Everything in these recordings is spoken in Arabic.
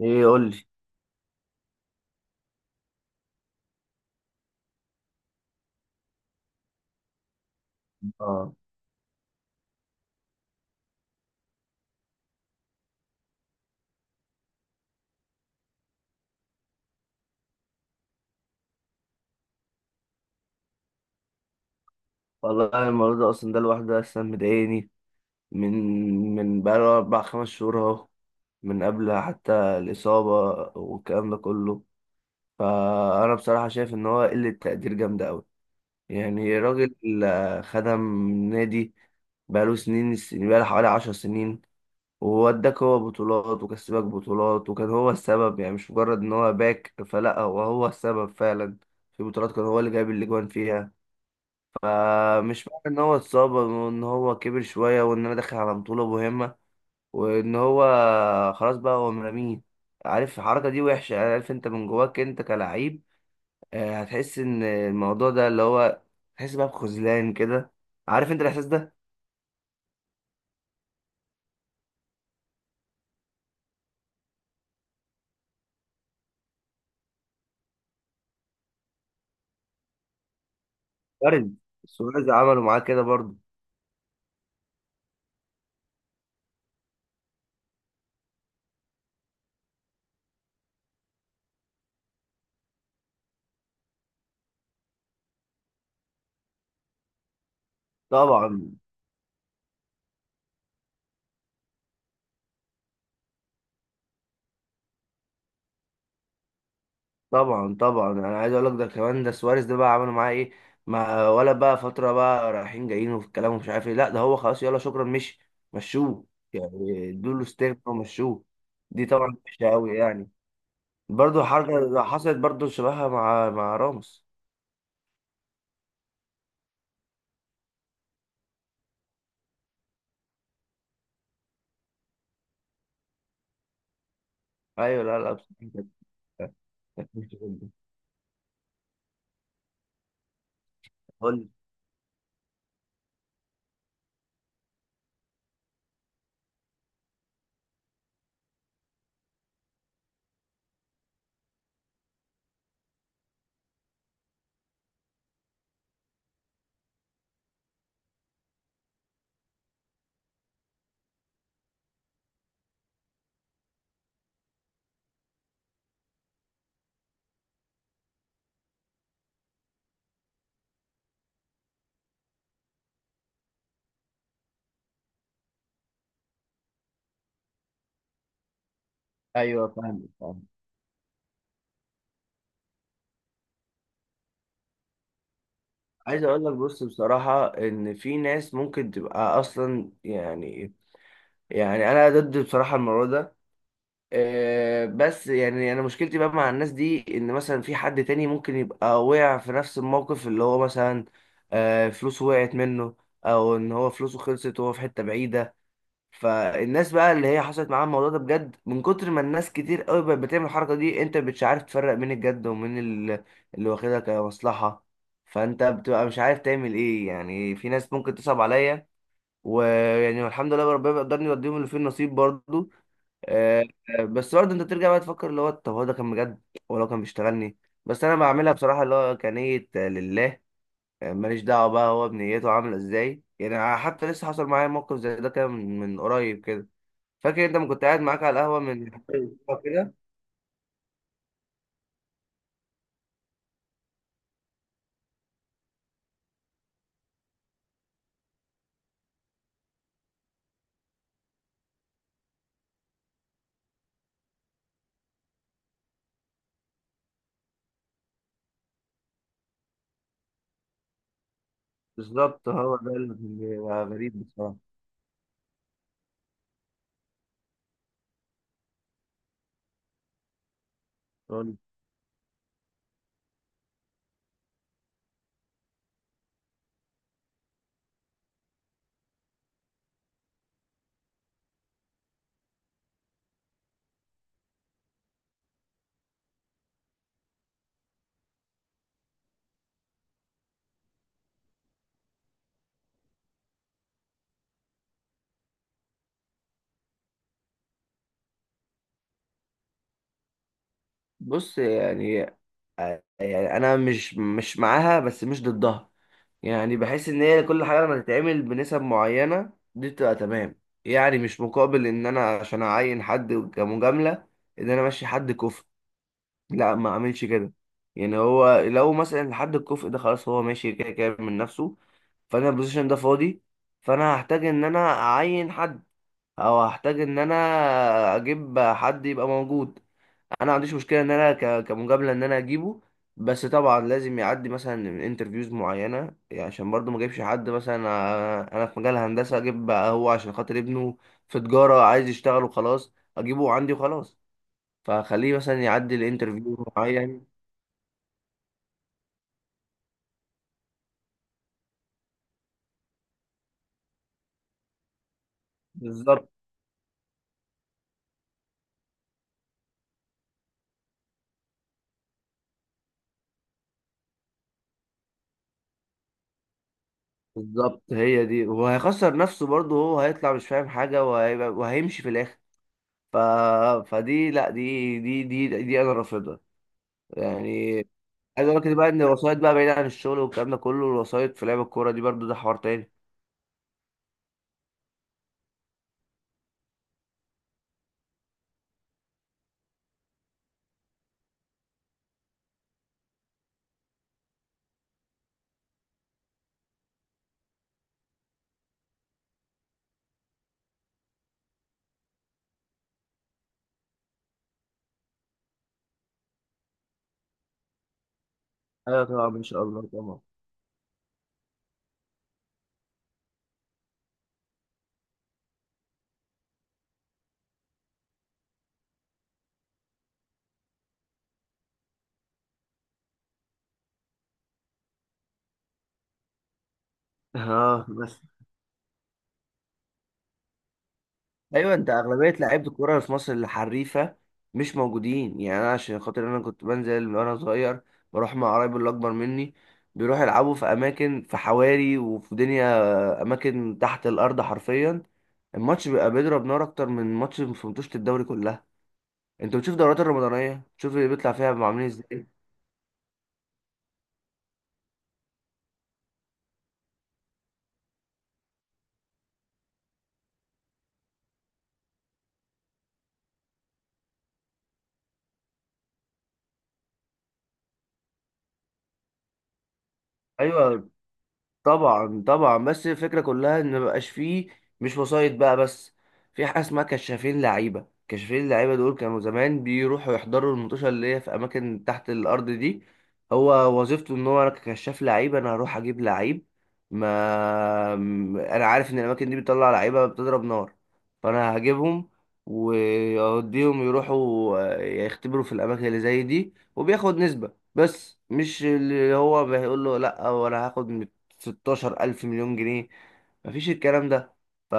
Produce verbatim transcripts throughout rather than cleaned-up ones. ايه قول لي. اه والله أنا الموضوع ده اصلا ده لوحده اصلا مضايقني من من بقاله اربع خمس شهور اهو، من قبل حتى الاصابه والكلام ده كله. فانا بصراحه شايف ان هو قله تقدير جامده قوي. يعني راجل، آه، خدم نادي بقاله سنين، السنين بقاله حوالي عشر سنين، ووداك هو بطولات وكسبك بطولات، وكان هو السبب، يعني مش مجرد ان هو باك فلا، هو هو السبب فعلا في بطولات، كان هو اللي جايب الاجوان فيها. فمش معنى ان هو اتصاب وان هو كبر شويه وان انا داخل على بطوله مهمه وان هو خلاص بقى هو مرميه. عارف الحركه دي وحشه، يعني عارف انت من جواك انت كلاعب، آه، هتحس ان الموضوع ده اللي هو، تحس بقى بخذلان كده. عارف انت الاحساس ده؟ وارد. سواريز عمله معاه كده برضه. طبعا طبعا. طبعا انا عايز اقول لك ده كمان، ده سواريز ده بقى عملوا معاه ايه؟ ما ولا بقى فتره بقى رايحين جايين وفي الكلام ومش عارف ايه، لا ده هو خلاص يلا شكرا، مشي، مشوه. يعني ادوا له استغنى ومشوه. دي طبعا وحشه قوي يعني. برضو حركه حصلت برضو شبهها مع مع راموس. ايوه، لا لا، بصراحة كانت- كانت وحشة جداً. قول لي. ايوه فاهم فاهم. عايز اقول لك، بص بصراحه ان في ناس ممكن تبقى اصلا، يعني يعني انا ضد بصراحه الموضوع ده. آه، بس يعني انا مشكلتي بقى مع الناس دي، ان مثلا في حد تاني ممكن يبقى وقع في نفس الموقف، اللي هو مثلا آه، فلوسه وقعت منه او ان هو فلوسه خلصت وهو في حتة بعيدة. فالناس بقى اللي هي حصلت معاها الموضوع ده بجد، من كتر ما الناس كتير قوي بقت بتعمل الحركة دي، انت مش عارف تفرق بين الجد ومين ال- اللي واخدها كمصلحة. فانت بتبقى مش عارف تعمل ايه، يعني في ناس ممكن تصعب عليا، ويعني الحمد لله ربنا بيقدرني يوديهم اللي فيه النصيب برضو. آه، آه، بس برضه انت ترجع بقى تفكر، اللي هو طب هو ده كان بجد ولا هو لو كان بيشتغلني؟ بس انا بعملها بصراحه اللي هو كنية آه، لله. آه، ماليش دعوه بقى هو بنيته عامله ازاي، يعني حتى لسه حصل معايا موقف زي ده كان من من قريب كده. فاكر انت ما كنت قاعد معاك على القهوه؟ من أيوة. كده بالظبط، هو ده اللي بيبقى غريب بصراحه. بص يعني، يعني انا مش مش معاها بس مش ضدها. يعني بحس ان هي كل حاجه لما تتعمل بنسب معينه دي بتبقى تمام، يعني مش مقابل ان انا عشان اعين حد كمجامله ان انا امشي حد كفء، لا ما اعملش كده. يعني هو لو مثلا حد الكفء ده خلاص هو ماشي كده كده من نفسه، فانا البوزيشن ده فاضي، فانا هحتاج ان انا اعين حد، او هحتاج ان انا اجيب حد يبقى موجود. انا ما عنديش مشكله ان انا ك- كمجامله ان انا اجيبه، بس طبعا لازم يعدي مثلا من انترفيوز معينه. يعني عشان برضو ما اجيبش حد مثلا، آه، انا في مجال هندسه اجيب بقى هو عشان خاطر ابنه في تجاره عايز يشتغل وخلاص اجيبه عندي وخلاص. فخليه مثلا يعدي الانترفيو معين. بالظبط بالظبط، هي دي، وهيخسر نفسه برضو، هو هيطلع مش فاهم حاجه وهيبقى وهيمشي في الاخر. ف... فدي لا، دي دي دي دي انا رافضها يعني. عايز اقول لك بقى ان الوسايط بقى بعيدة عن الشغل والكلام ده كله، الوسايط في لعب الكورة دي برضو ده حوار تاني. ايوه طبعا ان شاء الله طبعا. اه بس، ايوه، انت اغلبيه لعيبه الكوره في مصر الحريفه مش موجودين. يعني انا عشان خاطر انا كنت بنزل من وانا صغير، بروح مع قرايبي اللي اكبر مني بيروحوا يلعبوا في اماكن، في حواري وفي دنيا اماكن تحت الارض حرفيا. الماتش بيبقى بيضرب نار اكتر من ماتش في ماتشات الدوري كلها. انت بتشوف الدورات الرمضانيه، تشوف اللي بيطلع فيها عاملين ازاي. ايوه. طبعا طبعا، بس الفكره كلها ان مبقاش فيه، مش وسايط بقى بس، في حاجه اسمها كشافين لعيبه. كشافين لعيبه دول كانوا زمان بيروحوا يحضروا المنتوشه اللي هي في اماكن تحت الارض دي. هو وظيفته ان هو، انا ككشاف لعيبه انا هروح اجيب لعيب، ما م- انا عارف ان الاماكن دي بتطلع لعيبه بتضرب نار، فانا هجيبهم واوديهم يروحوا آه، يختبروا في الاماكن اللي زي دي، وبياخد نسبه، بس مش اللي هو بيقول له لا وانا هاخد ستاشر ألف مليون جنيه، مفيش الكلام ده. ف-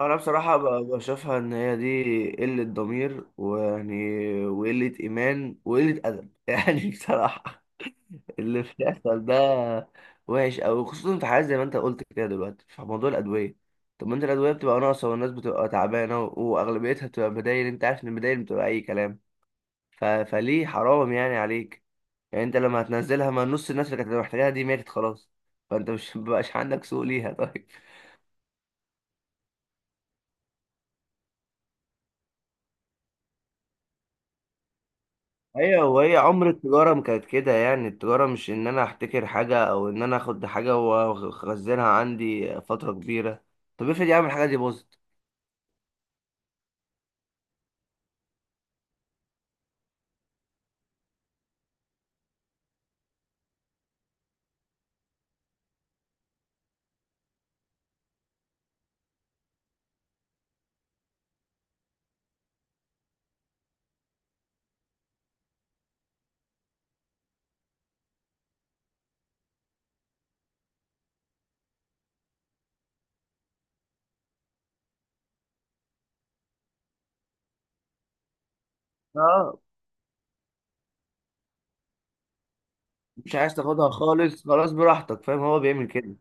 أنا بصراحة ب- بشوفها إن هي دي قلة ضمير، ويعني وقلة إيمان وقلة أدب يعني بصراحة اللي بيحصل ده وحش أوي، خصوصا في حاجات زي ما أنت قلت كده دلوقتي في موضوع الأدوية. طب ما أنت الأدوية بتبقى ناقصة والناس بتبقى تعبانة و- وأغلبيتها بتبقى بدايل، أنت عارف إن البدايل بتبقى أي كلام. ف... فليه؟ حرام يعني عليك. يعني انت لما هتنزلها، ما نص الناس اللي كانت محتاجاها دي ماتت خلاص، فانت مش مبقاش عندك سوق ليها. طيب. ايوه، وهي عمر التجاره ما كانت كده، يعني التجاره مش ان انا احتكر حاجه او ان انا اخد حاجه واخزنها عندي فتره كبيره. طب افرض يا عم الحاجه دي باظت. اه، مش عايز تاخدها خالص خلاص براحتك، فاهم، هو بيعمل كده.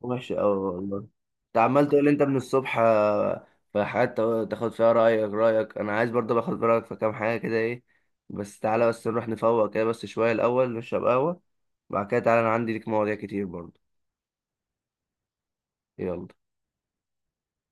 وحش أوي والله. أنت عمال تقول أنت من الصبح، آه، في حاجات تا- تاخد فيها رأيك، رأيك أنا عايز برضه باخد رأيك في كام حاجة كده إيه، بس تعالى بس نروح نفوق كده بس شوية الأول، نشرب قهوة، بعد كده تعالى أنا عندي ليك مواضيع كتير برضه. يلا.